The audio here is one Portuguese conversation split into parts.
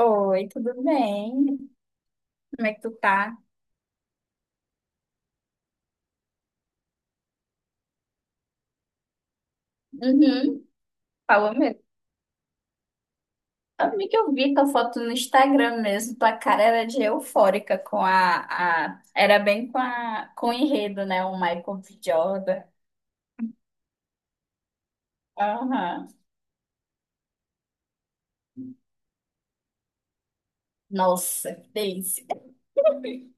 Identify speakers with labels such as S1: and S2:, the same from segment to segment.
S1: Oi, tudo bem? Como é que tu tá? Uhum. Falou mesmo. Amiga, eu vi tua foto no Instagram mesmo. Tua cara era de eufórica com a... Era bem com a... com o enredo, né? O Michael B. Jordan. Aham. Nossa, que delícia.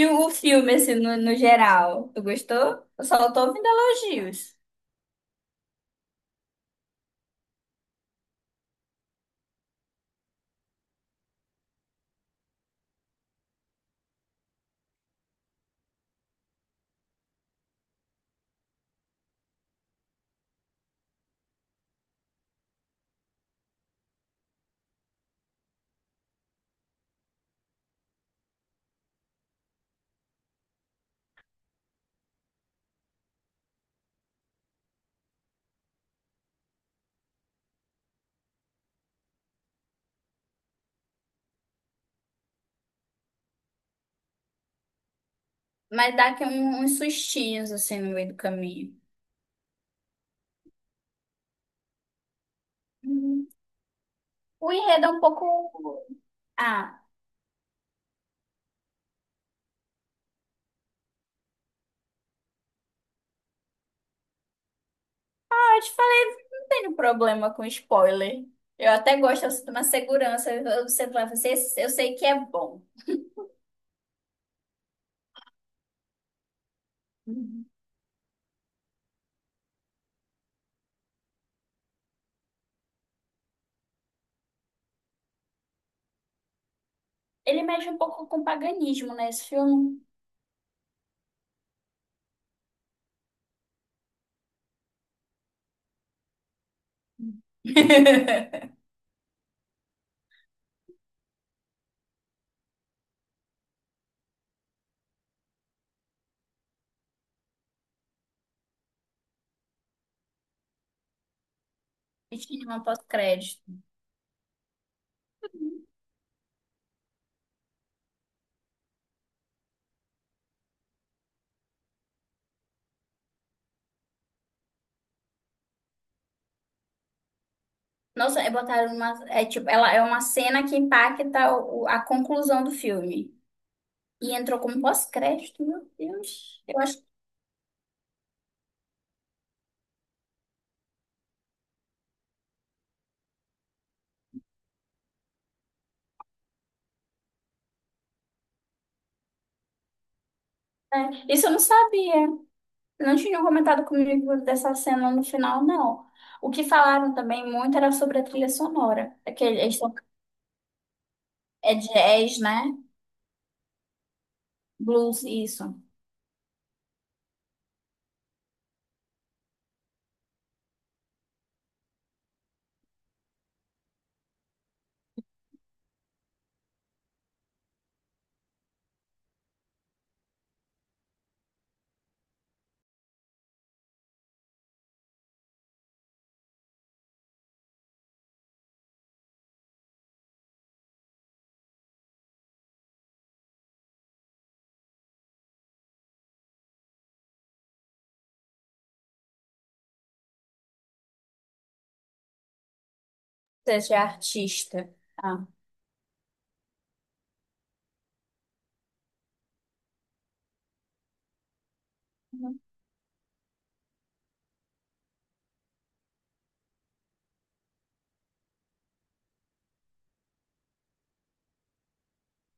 S1: E o filme, assim, no geral, tu gostou? Eu só tô ouvindo elogios. Mas dá aqui um- uns sustinhos, assim, no meio do caminho. Uhum. O enredo é um pouco... Ah, tenho problema com spoiler. Eu até gosto, eu sinto uma segurança. Eu, você vai, você, eu sei que é bom. Uhum. Ele mexe um pouco com paganismo, né, esse filme? E tinha uma pós-crédito. Nossa, é botaram uma. É, tipo, ela é uma cena que impacta o- a conclusão do filme. E entrou como pós-crédito, meu Deus. Eu acho que. É. Isso eu não sabia. Não tinham comentado comigo dessa cena no final, não. O que falaram também muito era sobre a trilha sonora. Aquele, é jazz, né? Blues, isso. Seja artista. Ah, uhum.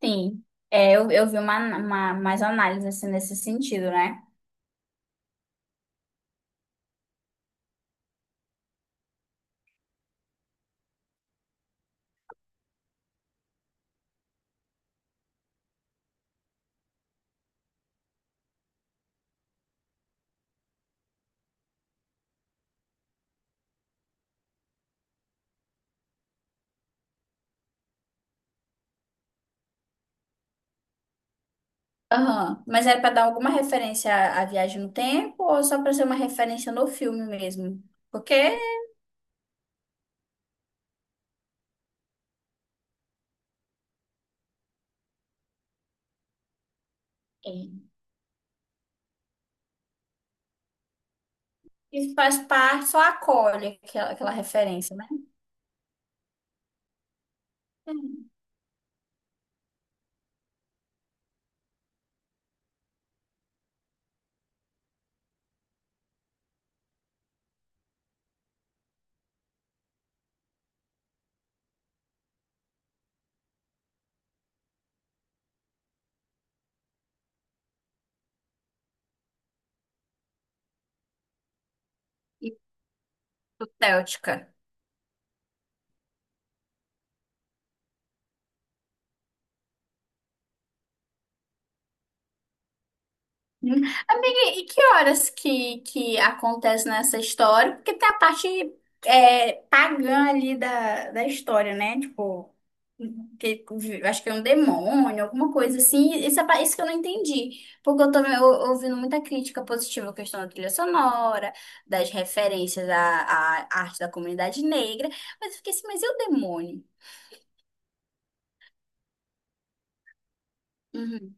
S1: Sim. É, eu vi uma mais análise assim, nesse sentido, né? Aham. Mas era pra dar alguma referência à viagem no tempo ou só pra ser uma referência no filme mesmo? Porque isso faz parte, só acolhe aquela, aquela referência, né? Hum. Isso, Céltica. Hum. Amiga, e que horas que acontece nessa história? Porque tem a parte é, pagã ali da história, né? Tipo, que, acho que é um demônio, alguma coisa assim. Isso, é, pa- isso que eu não entendi. Porque eu tô ou- ouvindo muita crítica positiva à questão da trilha sonora, das referências à, à arte da comunidade negra. Mas eu fiquei assim, mas e o demônio? Uhum.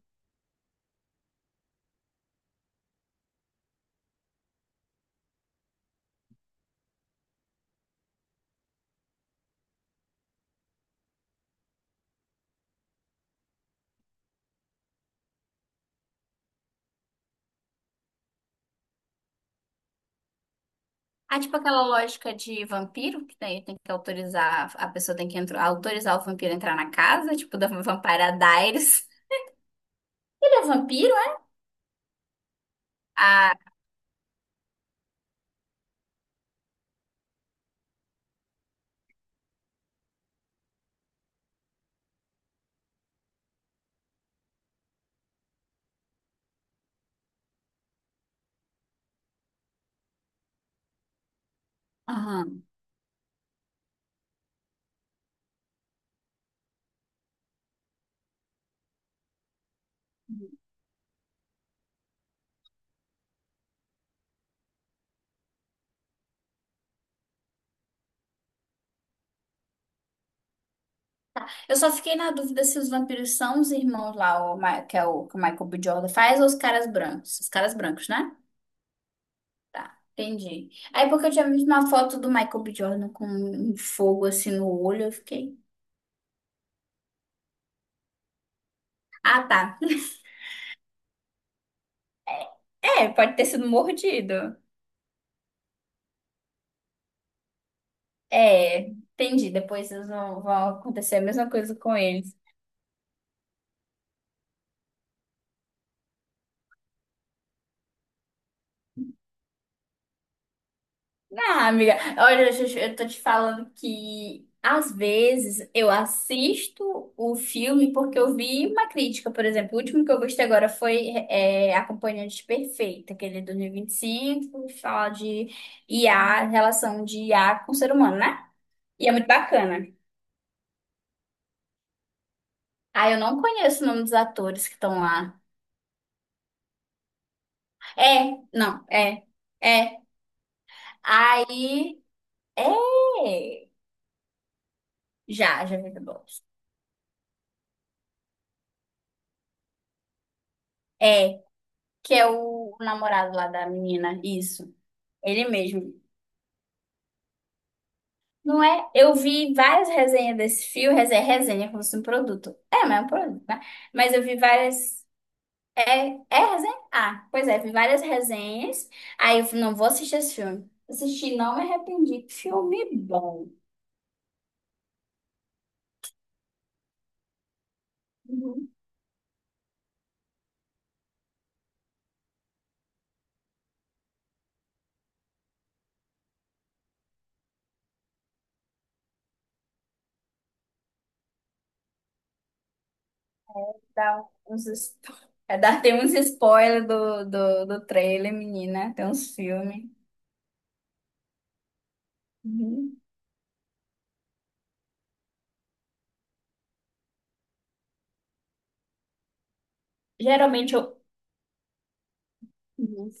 S1: Ah, tipo aquela lógica de vampiro, que daí tem que autorizar, a pessoa tem que entrar, autorizar o vampiro a entrar na casa, tipo da Vampira Diaries. Ele é vampiro, é? Ah, aham. Eu só fiquei na dúvida se os vampiros são os irmãos lá, o Ma- que é o que o Michael B. Jordan faz, ou os caras brancos. Os caras brancos, né? Tá, entendi. Aí porque eu tinha visto uma foto do Michael B. Jordan com um fogo assim no olho, eu fiquei. Ah, tá. É, pode ter sido mordido. É, entendi. Depois eles vão, vão acontecer a mesma coisa com ele. Ah, amiga, olha, eu tô te falando que às vezes eu assisto o filme porque eu vi uma crítica, por exemplo. O último que eu gostei agora foi é, Acompanhante Perfeita, aquele de 2025, que fala de IA, relação de IA com o ser humano, né? E é muito bacana. Ah, eu não conheço o nome dos atores que estão lá. É, não, é, é. Aí, é. Já, já vi The Boys. É, que é o, namorado lá da menina, isso, ele mesmo. Não é? Eu vi várias resenhas desse filme, resenha, resenha como se fosse um produto. É, mas é um produto, né? Mas eu vi várias. É, é resenha? Ah, pois é, vi várias resenhas. Aí eu falei, não vou assistir esse filme. Assisti, não me arrependi. Filme bom. Uhum. Dá uns, es- é, dá, tem uns spoilers do, do, do trailer, menina. Tem uns filmes. Uhum. Geralmente eu.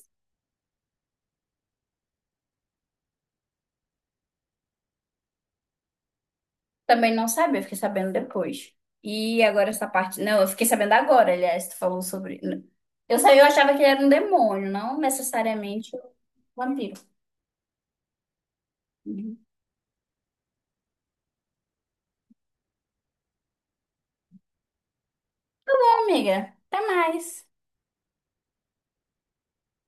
S1: Também não sabia, eu fiquei sabendo depois. E agora essa parte. Não, eu fiquei sabendo agora, aliás, tu falou sobre. Eu sabia, eu achava que ele era um demônio, não necessariamente um vampiro. Uhum. Bom, amiga, até mais.